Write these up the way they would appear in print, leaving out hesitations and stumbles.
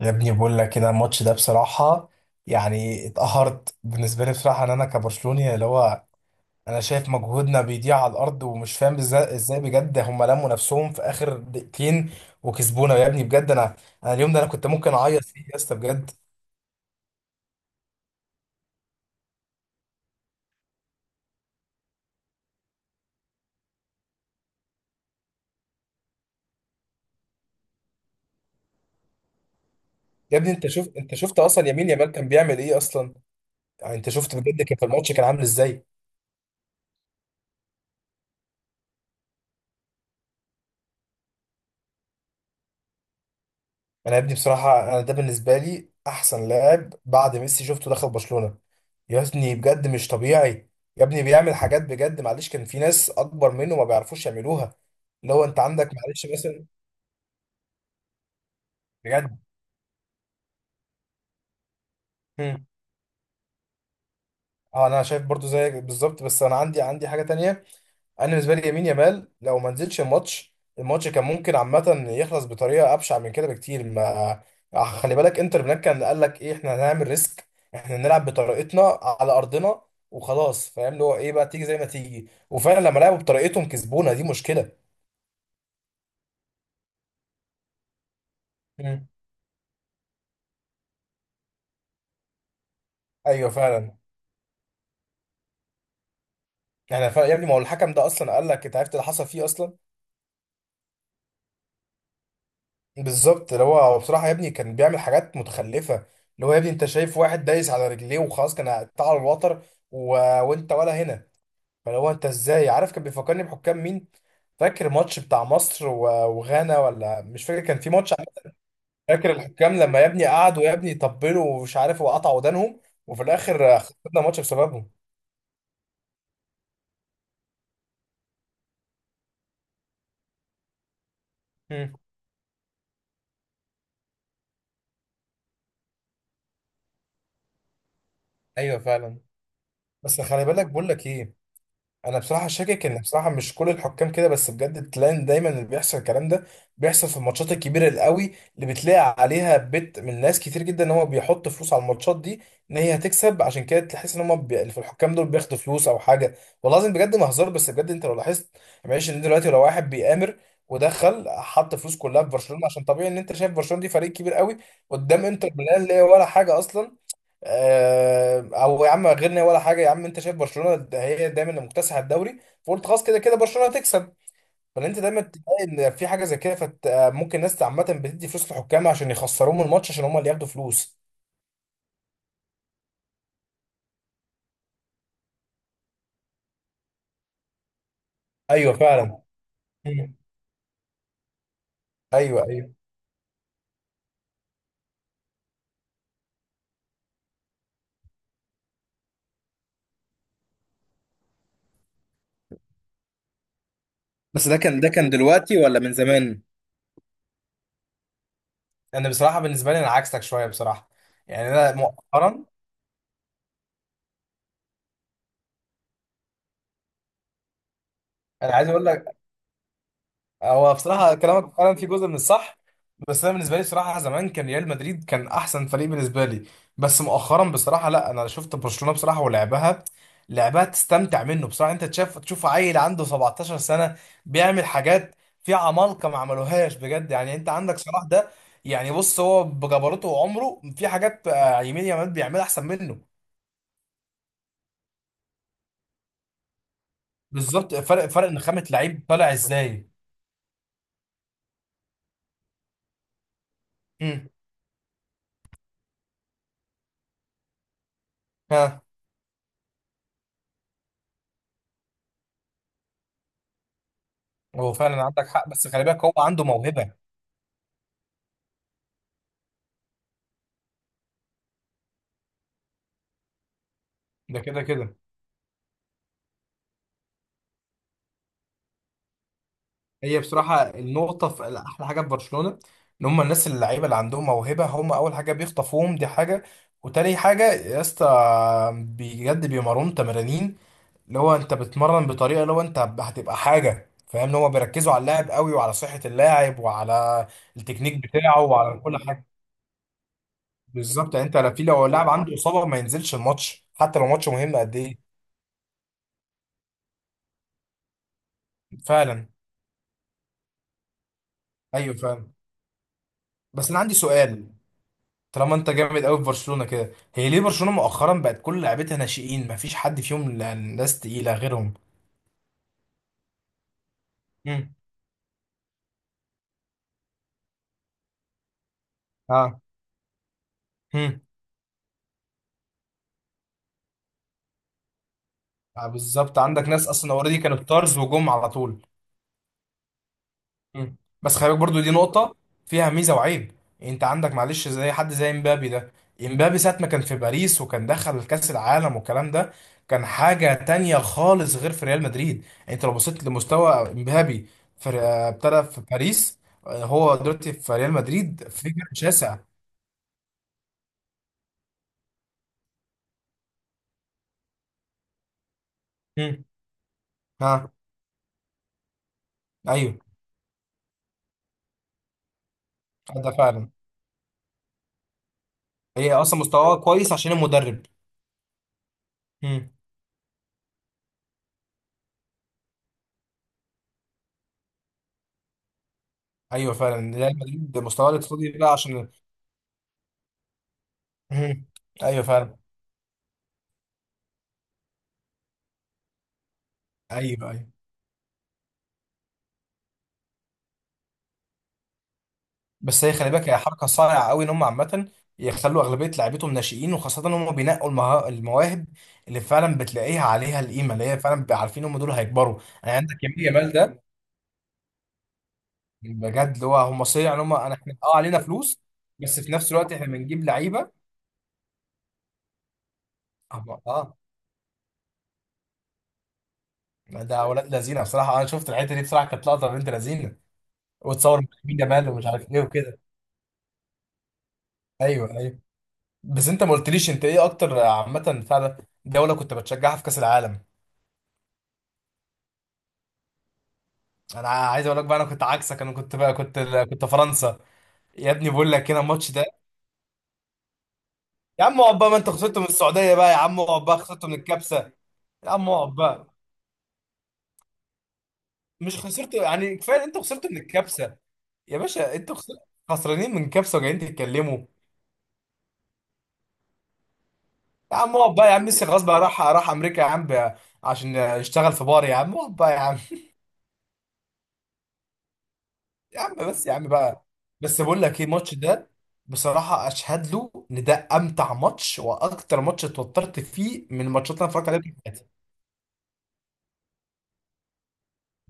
يا ابني بقول لك كده الماتش ده بصراحة. يعني اتقهرت بالنسبة لي بصراحة، ان انا كبرشلوني اللي هو انا شايف مجهودنا بيضيع على الارض ومش فاهم ازاي بجد هم لموا نفسهم في اخر دقيقتين وكسبونا يا ابني بجد. انا اليوم ده انا كنت ممكن اعيط فيه يا اسطى بجد. يا ابني انت شفت اصلا يمين يامال كان بيعمل ايه اصلا؟ يعني انت شفت بجد كان في الماتش كان عامل ازاي؟ انا يا ابني بصراحه، انا ده بالنسبه لي احسن لاعب بعد ميسي شفته دخل برشلونه. يا ابني بجد مش طبيعي. يا ابني بيعمل حاجات بجد معلش كان في ناس اكبر منه ما بيعرفوش يعملوها، اللي هو انت عندك معلش مثلا بجد. مم. اه، انا شايف برضو زيك بالظبط، بس انا عندي حاجه تانية. انا بالنسبه لي يمين يامال لو ما نزلش الماتش كان ممكن عامه يخلص بطريقه ابشع من كده بكتير ما. خلي بالك انتر ميلان كان قال لك ايه، احنا هنعمل ريسك، احنا نلعب بطريقتنا على ارضنا وخلاص. فاهم اللي هو ايه بقى، تيجي زي ما تيجي، وفعلا لما لعبوا بطريقتهم كسبونا، دي مشكله. مم. ايوه فعلا. احنا فعلا يا ابني، ما هو الحكم ده اصلا قال لك، انت عرفت اللي حصل فيه اصلا؟ بالظبط، اللي هو هو بصراحه يا ابني كان بيعمل حاجات متخلفه، اللي هو يا ابني انت شايف واحد دايس على رجليه وخلاص، كان قطع على الوتر و... وانت ولا هنا. فلو انت ازاي، عارف كان بيفكرني بحكام مين؟ فاكر ماتش بتاع مصر وغانا، ولا مش فاكر كان في ماتش عامل-؟ فاكر الحكام لما يا ابني قعدوا يا ابني يطبلوا ومش عارف، وقطعوا ودانهم، وفي الاخر خسرنا ماتش بسببهم. مم. ايوه فعلا. بس خلي بالك بقول لك ايه، انا بصراحه شاكك ان بصراحه مش كل الحكام كده، بس بجد تلاقي دايما اللي بيحصل الكلام ده بيحصل في الماتشات الكبيره القوي، اللي بتلاقي عليها بت من ناس كتير جدا ان هو بيحط فلوس على الماتشات دي، ان هي هتكسب. عشان كده تحس ان هم اللي في الحكام دول بياخدوا فلوس او حاجه. والله العظيم بجد ما هزار، بس بجد انت لو لاحظت. يعني معلش، ان دلوقتي لو واحد بيآمر ودخل حط فلوس كلها في برشلونه، عشان طبيعي ان انت شايف برشلونه دي فريق كبير قوي قدام انتر ميلان اللي هي ولا حاجه اصلا. او يا عم غيرنا، ولا حاجه يا عم، انت شايف برشلونه ده هي دايما اللي مكتسحه الدوري، فقلت خلاص كده كده برشلونه هتكسب. فانت دايما تلاقي ان في حاجه زي كده، فممكن الناس عامه بتدي فلوس للحكام عشان يخسروهم الماتش، عشان هم اللي ياخدوا فلوس. ايوه فعلا. مم. ايوه، ايوه. بس ده كان دلوقتي ولا من زمان؟ انا بصراحه بالنسبه لي انا عكسك شويه بصراحه. يعني انا مؤخرا، انا عايز اقول لك، هو بصراحة كلامك فعلا في جزء من الصح، بس أنا بالنسبة لي بصراحة زمان كان ريال مدريد كان أحسن فريق بالنسبة لي. بس مؤخرا بصراحة لا، أنا شفت برشلونة بصراحة ولعبها. لعبها تستمتع منه بصراحة، أنت تشوف عيل عنده 17 سنة بيعمل حاجات في عمالقة ما عملوهاش بجد. يعني أنت عندك صلاح ده، يعني بص هو بجبروته وعمره في حاجات يمين يامال بيعملها أحسن منه. بالظبط، فرق نخامة لعيب طالع إزاي. مم. ها. هو فعلا عندك حق، بس خلي بالك هو عنده موهبة ده كده كده. هي بصراحة النقطة في أحلى حاجة في برشلونة، إن هم الناس اللعيبة اللي عندهم موهبة هم أول حاجة بيخطفوهم، دي حاجة. وتاني حاجة يا اسطى بجد، بيمرنوا تمرانين، اللي هو أنت بتمرن بطريقة اللي هو أنت هتبقى حاجة. فاهم، إن هم بيركزوا على اللاعب قوي وعلى صحة اللاعب وعلى التكنيك بتاعه وعلى كل حاجة. بالظبط، يعني أنت لو اللاعب عنده إصابة ما ينزلش الماتش حتى لو ماتش مهم قد إيه. فعلا. أيوه فعلا. بس أنا عندي سؤال، طالما انت جامد قوي في برشلونه كده، هي ليه برشلونه مؤخرا بقت كل لعيبتها ناشئين مفيش حد فيهم ناس تقيله غيرهم؟ مم. اه. هم. آه، بالظبط، عندك ناس اصلا اوريدي كانوا ستارز وجم على طول. مم. بس خلي بالك برضو دي نقطة فيها ميزة وعيب. انت عندك معلش زي حد زي امبابي ده. امبابي ساعة ما كان في باريس وكان دخل كأس العالم والكلام ده كان حاجة تانية خالص، غير في ريال مدريد. يعني انت لو بصيت لمستوى امبابي في، ابتدى في باريس، هو دلوقتي في ريال مدريد، في فرق شاسع. مم. ها. ايوه، ده فعلا. هي اصلا مستواه كويس عشان المدرب. مم. ايوه فعلا، ريال مدريد مستواه الاقتصادي بقى عشان. مم. ايوه فعلا. ايوه، ايوه. بس هي خلي بالك، هي حركه صارعه قوي ان هم عامه يخلوا اغلبيه لعيبتهم ناشئين، وخاصه ان هم بينقوا المواهب اللي فعلا بتلاقيها عليها القيمه، اللي هي فعلا بيبقى عارفين هم دول هيكبروا، يعني عندك يمين جمال ده. بجد اللي هو هم صيع، ان هم انا احنا اه علينا فلوس، بس في نفس الوقت احنا بنجيب لعيبه. اه آه، ده ولاد لذينه بصراحه. انا شفت الحته دي بصراحه كانت لقطه بنت لذينه، وتصور يمين جمال ومش عارف ايه وكده. ايوه، ايوه. بس انت ما قلتليش انت ايه اكتر عامه فعلا دوله كنت بتشجعها في كاس العالم؟ انا عايز اقول لك بقى، انا كنت عكسك، انا كنت بقى، كنت فرنسا. يا ابني بقول لك هنا الماتش ده. يا عم اقعد بقى، ما انت خسرته من السعوديه بقى، يا عم اقعد بقى، خسرته من الكبسه. يا عم اقعد بقى، مش خسرته، يعني كفايه انت خسرته من الكبسه. يا باشا انت خسرت، خسرانين من كبسه وجايين تتكلموا. يا عم اقعد بقى يا عم، ميسي خلاص بقى راح امريكا يا عم بقى، عشان يشتغل في بار. يا عم اقعد بقى يا عم. يا عم بس يا عم بقى، بس بقول لك ايه، الماتش ده بصراحة أشهد له إن ده أمتع ماتش وأكتر ماتش اتوترت فيه من الماتشات اللي أنا اتفرجت عليها.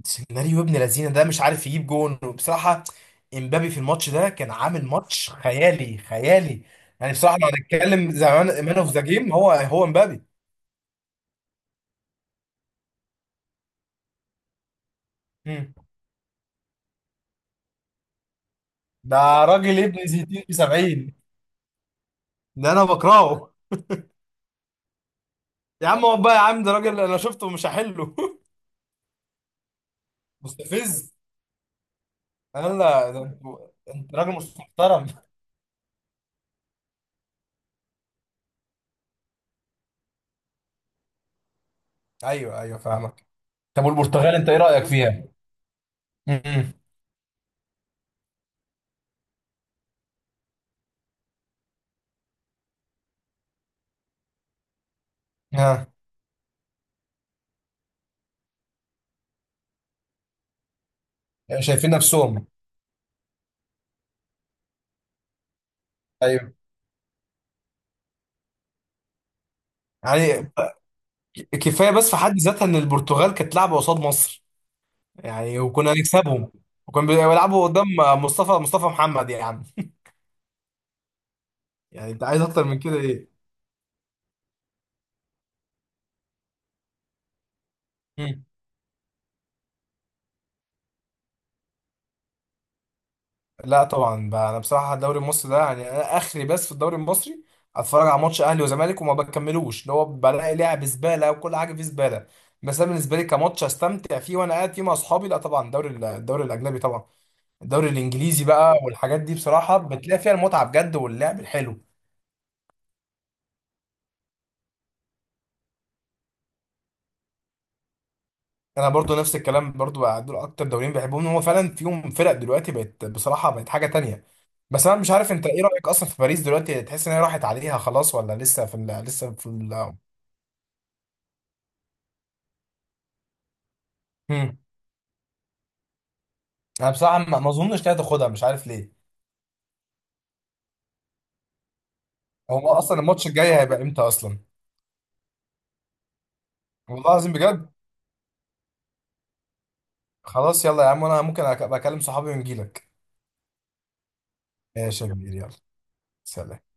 سيناريو ابن لذينه ده، مش عارف يجيب جون. وبصراحه امبابي في الماتش ده كان عامل ماتش خيالي خيالي. يعني بصراحه لو هنتكلم زمان مان اوف ذا جيم هو، هو امبابي. مم. ده راجل ابن زيتين في 70، ده انا بكرهه. يا عم اقعد بقى يا عم، ده راجل انا شفته مش هحله. مستفز. لا ده أنت راجل مش محترم. ايوه، ايوه فاهمك. طب والبرتغال انت ايه رايك فيها؟ امم ها. شايفين نفسهم. ايوه. يعني كفايه بس في حد ذاتها ان البرتغال كانت لعبه قصاد مصر، يعني وكنا هنكسبهم، وكانوا بيلعبوا قدام مصطفى محمد يا عم. يعني انت عايز اكتر من كده ايه؟ مم. لا طبعا بقى، انا بصراحه الدوري المصري ده يعني انا اخري، بس في الدوري المصري اتفرج على ماتش اهلي وزمالك وما بكملوش، اللي هو بلاقي لعب زباله وكل حاجه فيه زباله. بس انا بالنسبه لي كماتش استمتع فيه وانا قاعد فيه مع اصحابي، لا طبعا الدوري الاجنبي طبعا. الدوري الانجليزي بقى والحاجات دي بصراحه بتلاقي فيها المتعه بجد واللعب الحلو. انا برضو نفس الكلام برضو بقى، دول اكتر دوريين بحبهم، هو فعلا فيهم فرق دلوقتي بقت بصراحه بقت حاجه تانية. بس انا مش عارف انت ايه رايك اصلا في باريس دلوقتي، تحس ان هي راحت عليها خلاص ولا لسه في ال، لسه في ال؟ مم. انا بصراحه ما اظنش إنها تاخدها، مش عارف ليه. هو اصلا الماتش الجاي هيبقى امتى اصلا؟ والله العظيم بجد. خلاص يلا يا عم، انا ممكن أبقى اكلم صحابي ونجيلك. ماشي يا كبير، يلا سلام.